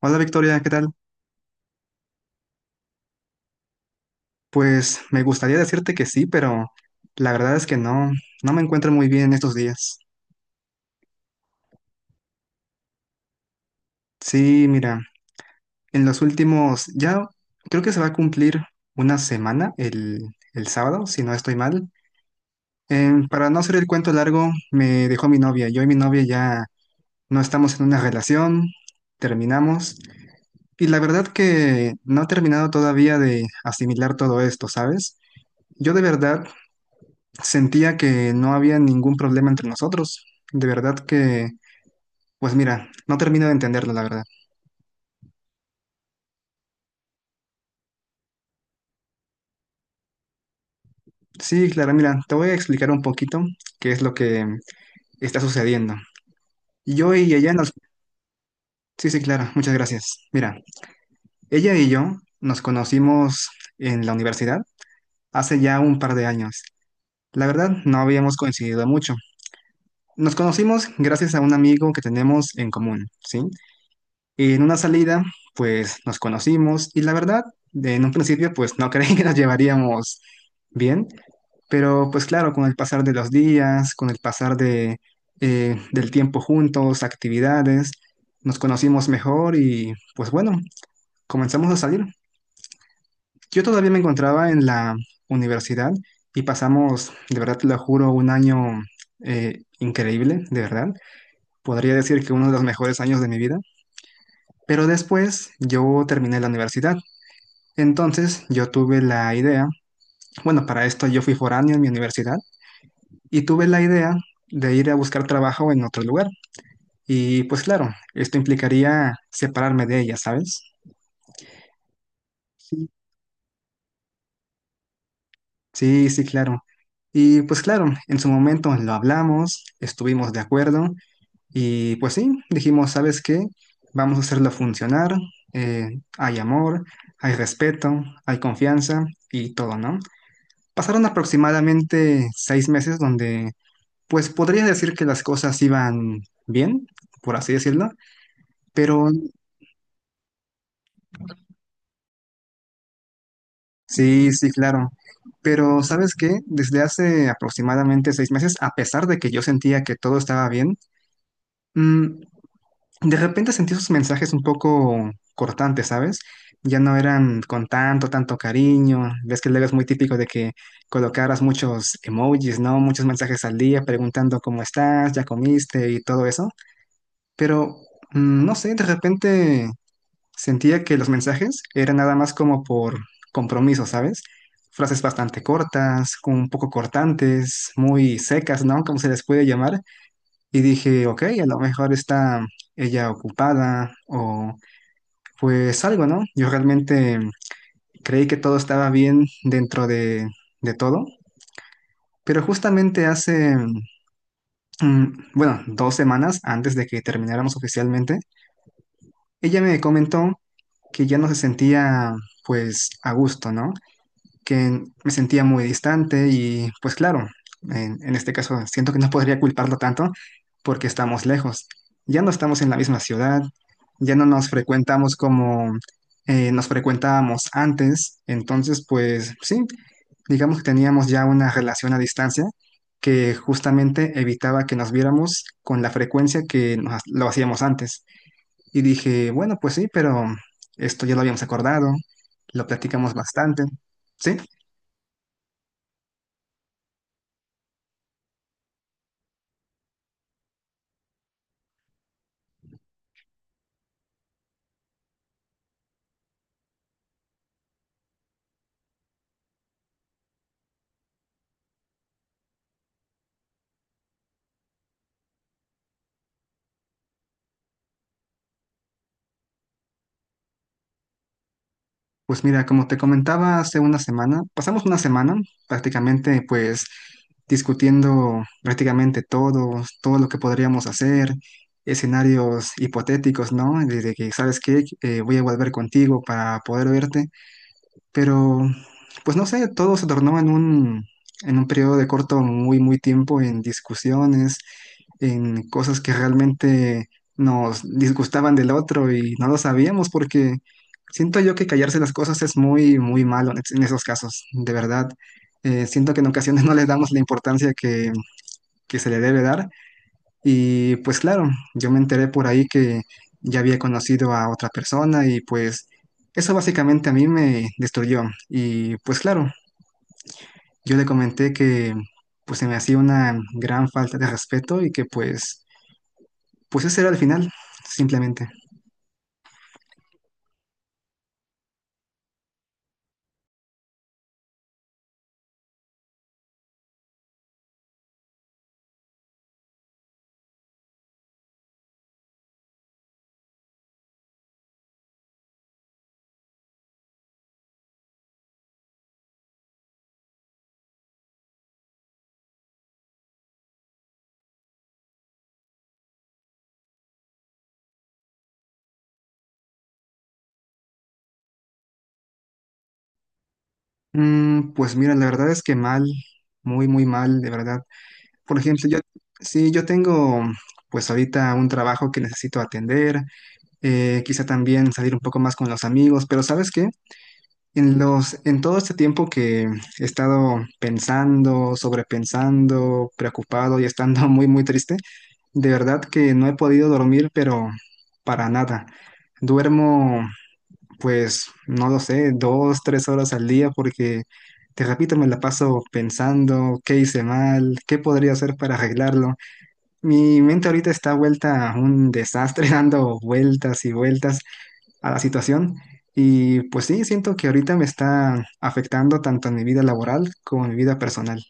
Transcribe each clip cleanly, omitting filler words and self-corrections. Hola Victoria, ¿qué tal? Pues me gustaría decirte que sí, pero la verdad es que no, no me encuentro muy bien estos días. Sí, mira, en los últimos, ya creo que se va a cumplir una semana el sábado, si no estoy mal. Para no hacer el cuento largo, me dejó mi novia. Yo y mi novia ya no estamos en una relación, terminamos. Y la verdad que no he terminado todavía de asimilar todo esto, ¿sabes? Yo de verdad sentía que no había ningún problema entre nosotros. De verdad que, pues mira, no termino de entenderlo, la verdad. Sí, Clara, mira, te voy a explicar un poquito qué es lo que está sucediendo. Yo y ella nos. Sí, sí, Clara, muchas gracias. Mira, ella y yo nos conocimos en la universidad hace ya un par de años. La verdad, no habíamos coincidido mucho. Nos conocimos gracias a un amigo que tenemos en común, ¿sí? Y en una salida, pues nos conocimos y la verdad, en un principio, pues no creí que nos llevaríamos bien, pero pues claro, con el pasar de los días, con el pasar del tiempo juntos, actividades, nos conocimos mejor y pues bueno, comenzamos a salir. Yo todavía me encontraba en la universidad y pasamos, de verdad te lo juro, un año increíble, de verdad. Podría decir que uno de los mejores años de mi vida. Pero después yo terminé la universidad. Entonces yo tuve la idea, bueno, para esto yo fui foráneo en mi universidad y tuve la idea de ir a buscar trabajo en otro lugar. Y pues claro, esto implicaría separarme de ella, ¿sabes? Sí. Sí, sí, claro. Y pues claro, en su momento lo hablamos, estuvimos de acuerdo y pues sí, dijimos, ¿sabes qué? Vamos a hacerlo funcionar. Hay amor, hay respeto, hay confianza y todo, ¿no? Pasaron aproximadamente 6 meses donde, pues podría decir que las cosas iban bien, por así decirlo, pero sí, sí, claro. Pero ¿sabes qué? Desde hace aproximadamente 6 meses, a pesar de que yo sentía que todo estaba bien, mm, de repente sentí sus mensajes un poco cortantes, ¿sabes? Ya no eran con tanto, tanto cariño. Ves que luego es muy típico de que colocaras muchos emojis, ¿no? Muchos mensajes al día preguntando cómo estás, ya comiste y todo eso. Pero no sé, de repente sentía que los mensajes eran nada más como por compromiso, ¿sabes? Frases bastante cortas, como un poco cortantes, muy secas, ¿no? Como se les puede llamar. Y dije, ok, a lo mejor está ella ocupada o pues algo, ¿no? Yo realmente creí que todo estaba bien dentro de todo. Pero justamente hace, mm, bueno, 2 semanas antes de que termináramos oficialmente, ella me comentó que ya no se sentía pues a gusto, ¿no? Que me sentía muy distante y pues claro, en este caso siento que no podría culparlo tanto porque estamos lejos. Ya no estamos en la misma ciudad, ya no nos frecuentamos como nos frecuentábamos antes, entonces pues sí, digamos que teníamos ya una relación a distancia que justamente evitaba que nos viéramos con la frecuencia que lo hacíamos antes. Y dije, bueno, pues sí, pero esto ya lo habíamos acordado, lo platicamos bastante, ¿sí? Pues mira, como te comentaba hace una semana, pasamos una semana prácticamente pues discutiendo prácticamente todo, todo lo que podríamos hacer, escenarios hipotéticos, ¿no? De que, ¿sabes qué? Voy a volver contigo para poder verte. Pero, pues no sé, todo se tornó en un, periodo de corto, muy, muy tiempo en discusiones, en cosas que realmente nos disgustaban del otro y no lo sabíamos porque siento yo que callarse las cosas es muy, muy malo en esos casos, de verdad. Siento que en ocasiones no les damos la importancia que se le debe dar y pues claro, yo me enteré por ahí que ya había conocido a otra persona y pues eso básicamente a mí me destruyó. Y pues claro, yo le comenté que pues se me hacía una gran falta de respeto y que pues, pues ese era el final, simplemente. Pues mira, la verdad es que mal, muy, muy mal, de verdad. Por ejemplo, yo, sí, yo tengo pues ahorita un trabajo que necesito atender, quizá también salir un poco más con los amigos, pero ¿sabes qué? En todo este tiempo que he estado pensando, sobrepensando, preocupado y estando muy, muy triste, de verdad que no he podido dormir, pero para nada. Duermo, pues, no lo sé, dos, tres horas al día porque, te repito, me la paso pensando qué hice mal, qué podría hacer para arreglarlo. Mi mente ahorita está vuelta a un desastre, dando vueltas y vueltas a la situación. Y pues sí, siento que ahorita me está afectando tanto en mi vida laboral como en mi vida personal.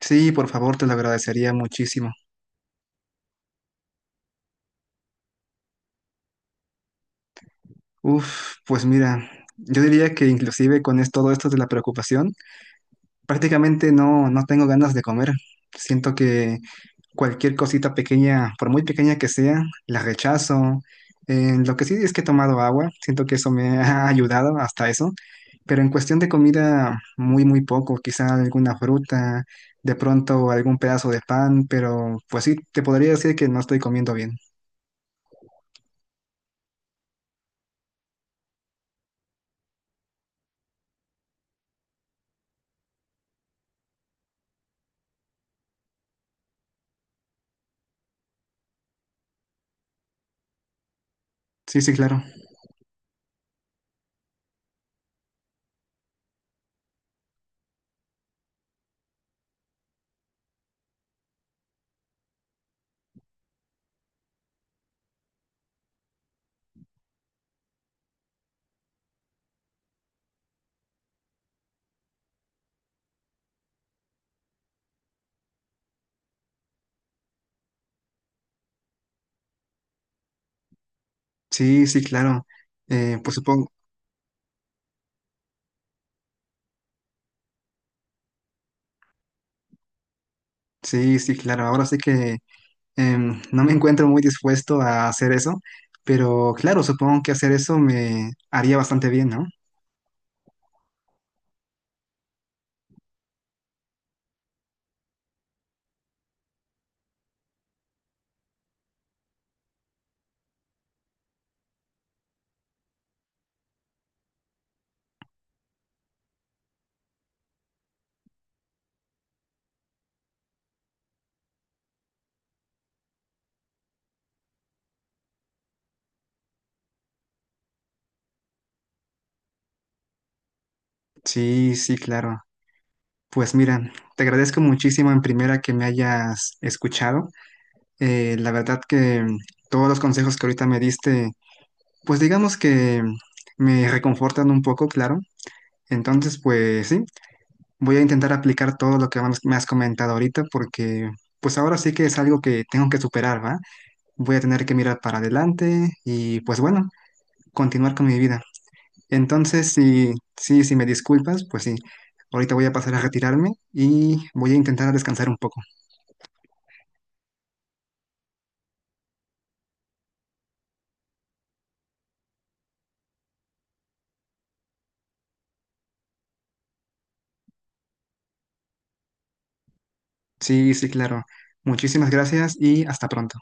Sí, por favor, te lo agradecería muchísimo. Uf, pues mira, yo diría que inclusive con todo esto de la preocupación, prácticamente no, no tengo ganas de comer. Siento que cualquier cosita pequeña, por muy pequeña que sea, la rechazo. Lo que sí es que he tomado agua, siento que eso me ha ayudado hasta eso. Pero en cuestión de comida, muy, muy poco. Quizá alguna fruta, de pronto algún pedazo de pan, pero pues sí, te podría decir que no estoy comiendo bien. Sí, sí, claro. Sí, sí, claro. Pues supongo. Sí, sí, claro. Ahora sí que no me encuentro muy dispuesto a hacer eso, pero claro, supongo que hacer eso me haría bastante bien, ¿no? Sí, sí, claro. Pues mira, te agradezco muchísimo en primera que me hayas escuchado. La verdad que todos los consejos que ahorita me diste, pues digamos que me reconfortan un poco, claro. Entonces, pues sí, voy a intentar aplicar todo lo que me has comentado ahorita porque pues ahora sí que es algo que tengo que superar, ¿va? Voy a tener que mirar para adelante y pues bueno, continuar con mi vida. Entonces, sí, sí, si me disculpas, pues sí, ahorita voy a pasar a retirarme y voy a intentar descansar un poco. Sí, sí, claro. Muchísimas gracias y hasta pronto.